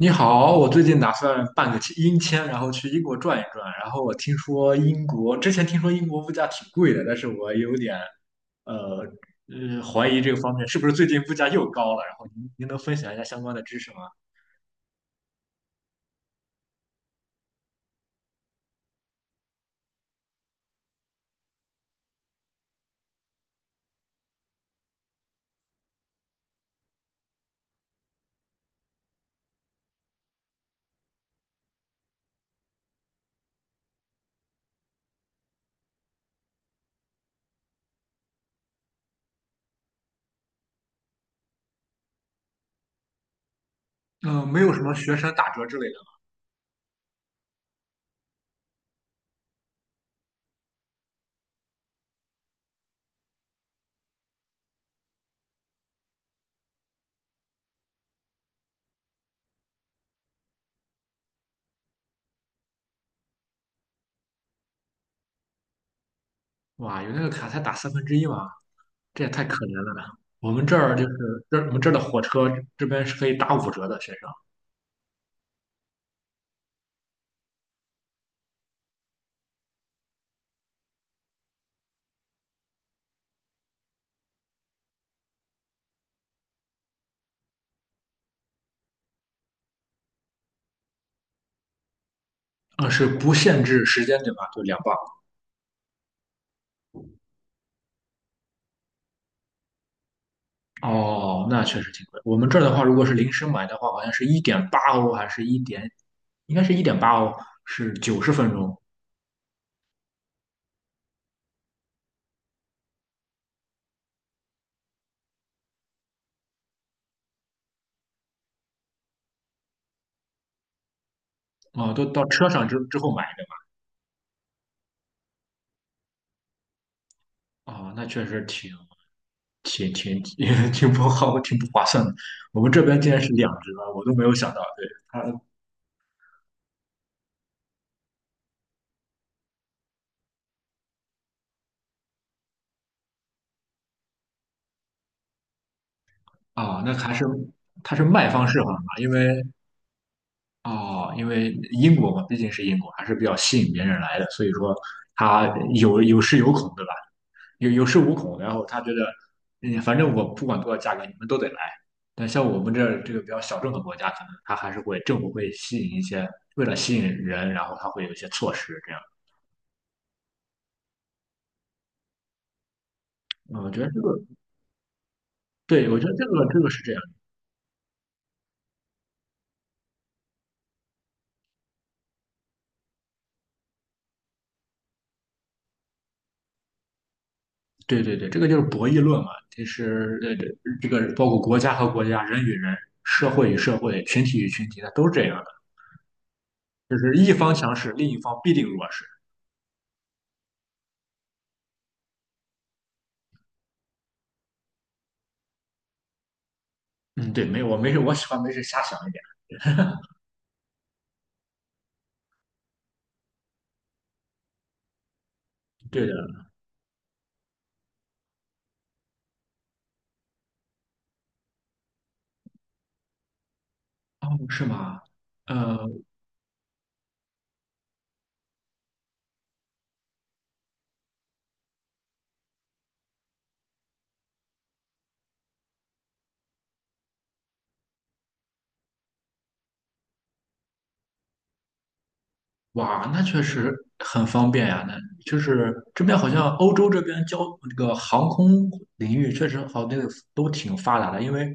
你好，我最近打算办个签英签，然后去英国转一转。然后我听说英国，之前听说英国物价挺贵的，但是我有点，呃怀疑这个方面是不是最近物价又高了。然后您能分享一下相关的知识吗？嗯，没有什么学生打折之类的。哇，有那个卡才打三分之一吗？这也太可怜了呢。我们这儿就是我们这儿的火车这边是可以打5折的，学生。嗯，是不限制时间对吧？就两班。哦，那确实挺贵。我们这儿的话，如果是临时买的话，好像是一点八欧，还是一点，应该是一点八欧，是90分钟啊，都到车上之后买的啊，那确实挺 挺不好，挺不划算的。我们这边竟然是两折，我都没有想到。对，它啊，那还是它是卖方市场嘛，因为哦，因为英国嘛，毕竟是英国，还是比较吸引别人来的，所以说它有恃有恐，对吧？有恃无恐，然后他觉得，嗯，反正我不管多少价格，你们都得来。但像我们这个比较小众的国家，可能他还是会政府会吸引一些，为了吸引人，然后他会有一些措施这样。嗯，我觉得这个，对，我觉得这个是这样，对对对，这个就是博弈论嘛。其实这个包括国家和国家、人与人、社会与社会、群体与群体，它都是这样的，就是一方强势，另一方必定弱势。嗯，对，没有，我没事，我喜欢没事瞎想一点。对的，哦，是吗？嗯。哇，那确实很方便呀。那就是这边好像欧洲这边这个航空领域确实好，那个都挺发达的。因为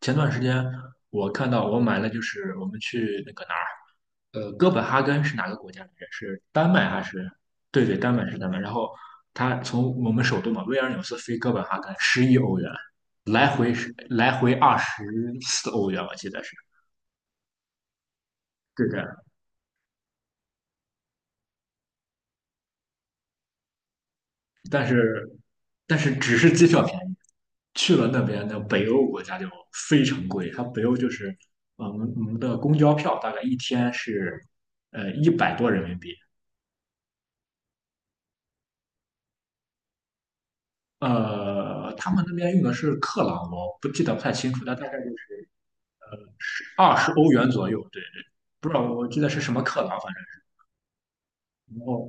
前段时间我看到我买了，就是我们去那个哪儿，哥本哈根是哪个国家来着？是丹麦还是？对对，丹麦是丹麦。然后他从我们首都嘛，维尔纽斯飞哥本哈根，11欧元，来回24欧元，我记得是。对对。但是但是只是机票便宜，去了那边的北欧国家就非常贵。它北欧就是我们的公交票大概一天是一百多人民币，他们那边用的是克朗，我不记得不太清楚，但大概就是20欧元左右，对对，不知道我记得是什么克朗，反正是然后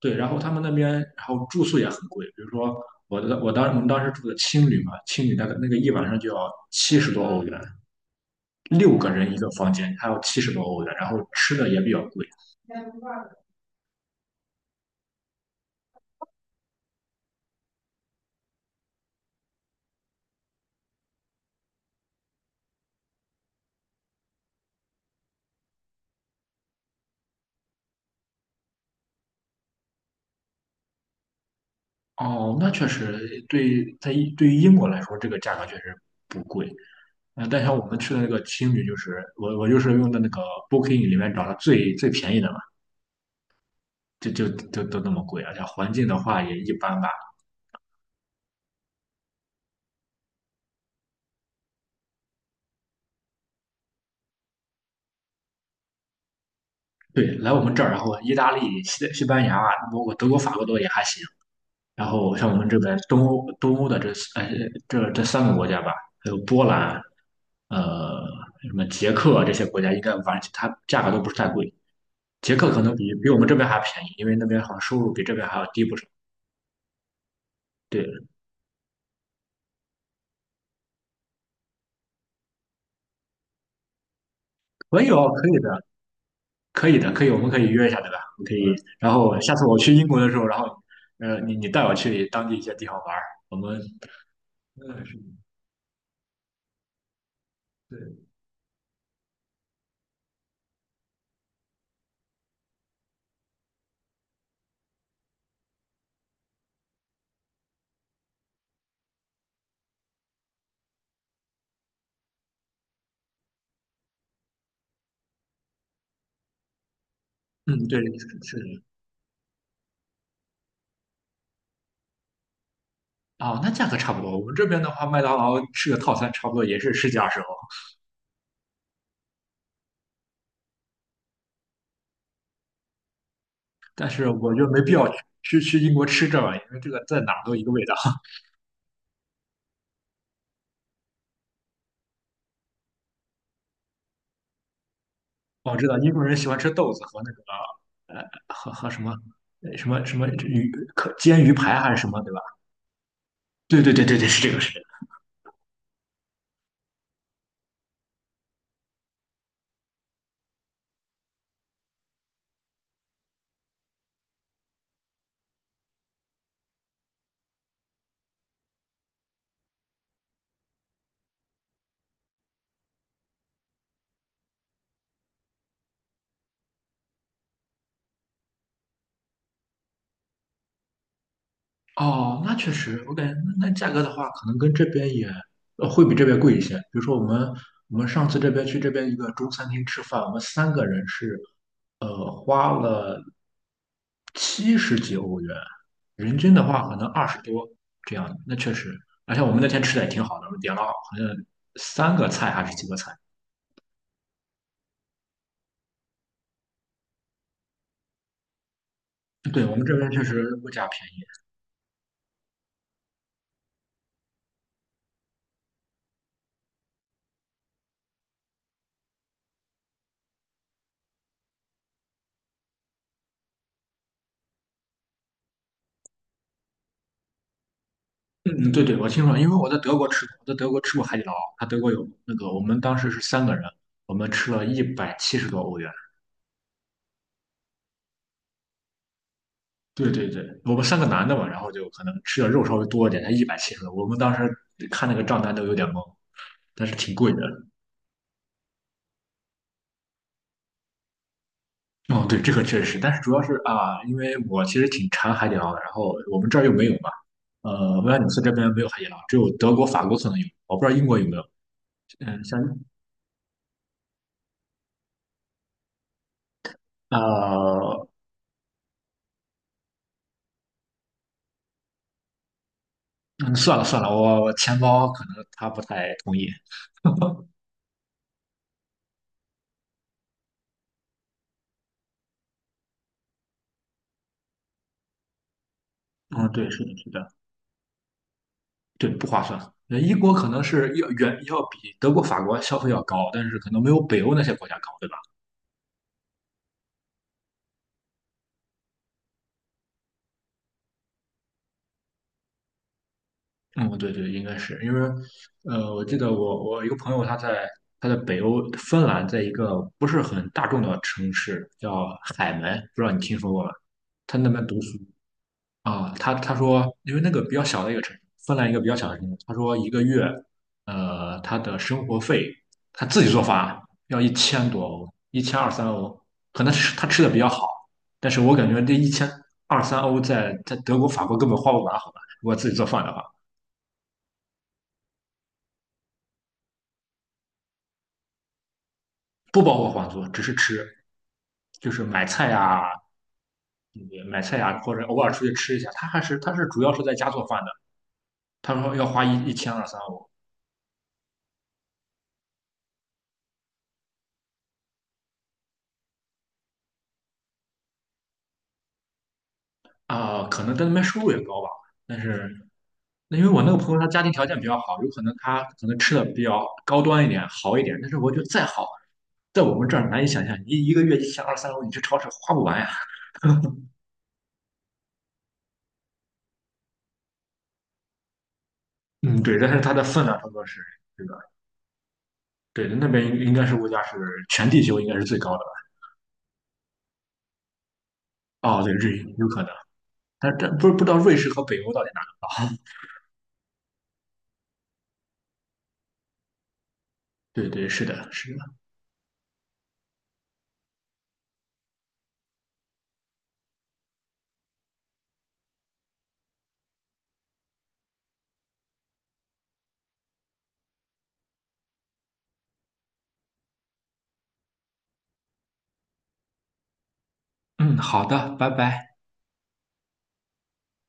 对，然后他们那边然后住宿也很贵，比如说。我们当时住的青旅嘛，青旅大概那个一晚上就要七十多欧元，六个人一个房间，还有七十多欧的，然后吃的也比较贵。哦，那确实对，对于英国来说，这个价格确实不贵。但像我们去的那个青旅，就是我就是用的那个 Booking 里面找的最最便宜的嘛，就都那么贵啊，而且环境的话也一般吧。对，来我们这儿，然后意大利、西班牙啊、包括德国、法国都也还行。然后像我们这边东欧的呃这三个国家吧，还有波兰，呃什么捷克啊这些国家，应该玩它价格都不是太贵。捷克可能比我们这边还便宜，因为那边好像收入比这边还要低不少。对，可以哦，可以的，可以的，可以，我们可以约一下，对吧？我可以，然后下次我去英国的时候，然后你带我去当地一些地方玩儿，我们嗯是对，嗯对是是的。哦，那价格差不多。我们这边的话，麦当劳吃个套餐差不多也是十几二十欧。但是我觉得没必要去英国吃这玩意儿因为这个在哪儿都一个味道。我知道英国人喜欢吃豆子和那个和什么什么鱼可煎鱼排还是什么，对吧？对对对对对，是这个哦，那确实，我感觉那价格的话，可能跟这边也会比这边贵一些。比如说我们上次这边去这边一个中餐厅吃饭，我们三个人是花了七十几欧元，人均的话可能二十多这样。那确实，而且我们那天吃的也挺好的，我们点了好像三个菜还是几个菜。对，我们这边确实物价便宜。嗯，对对，我听说，因为我在德国吃过，我在德国吃过海底捞，它德国有那个，我们当时是三个人，我们吃了一百七十多欧元。对对对，我们三个男的嘛，然后就可能吃的肉稍微多一点，才一百七十多。我们当时看那个账单都有点懵，但是挺贵的。哦，对，这个确实，但是主要是啊，因为我其实挺馋海底捞的，然后我们这儿又没有嘛，威尔纽斯这边没有海底捞，只有德国、法国可能有，我不知道英国有没有。嗯，像呃，嗯，算了算了，我钱包可能他不太同意。嗯，对，是的，是的，对，不划算。那英国可能是要远要比德国、法国消费要高，但是可能没有北欧那些国家高，对吧？嗯，对对，应该是因为，我记得我一个朋友他在北欧芬兰，在一个不是很大众的城市叫海门，不知道你听说过吗？他那边读书，啊，他说，因为那个比较小的一个城市，芬兰一个比较小的城市，他说一个月，他的生活费他自己做饭要一千多欧，一千二三欧，可能是他吃的比较好，但是我感觉这一千二三欧在德国、法国根本花不完，好吧？如果自己做饭的话，不包括房租，只是吃，就是买菜呀、嗯买菜呀、或者偶尔出去吃一下，他是主要是在家做饭的，他说要花一千二三欧啊，可能在那边收入也高吧。但是那因为我那个朋友他家庭条件比较好，有可能他可能吃的比较高端一点、好一点，但是我觉得再好，在我们这儿难以想象，你一个月一千二三欧，你去超市花不完呀。嗯，对，但是它的分量差不多是这个，对，那边应该是物价是全地球应该是最高的吧？哦，对，日有可能，但不是不知道瑞士和北欧到底哪儿？对对，是的，是的。嗯，好的，拜拜。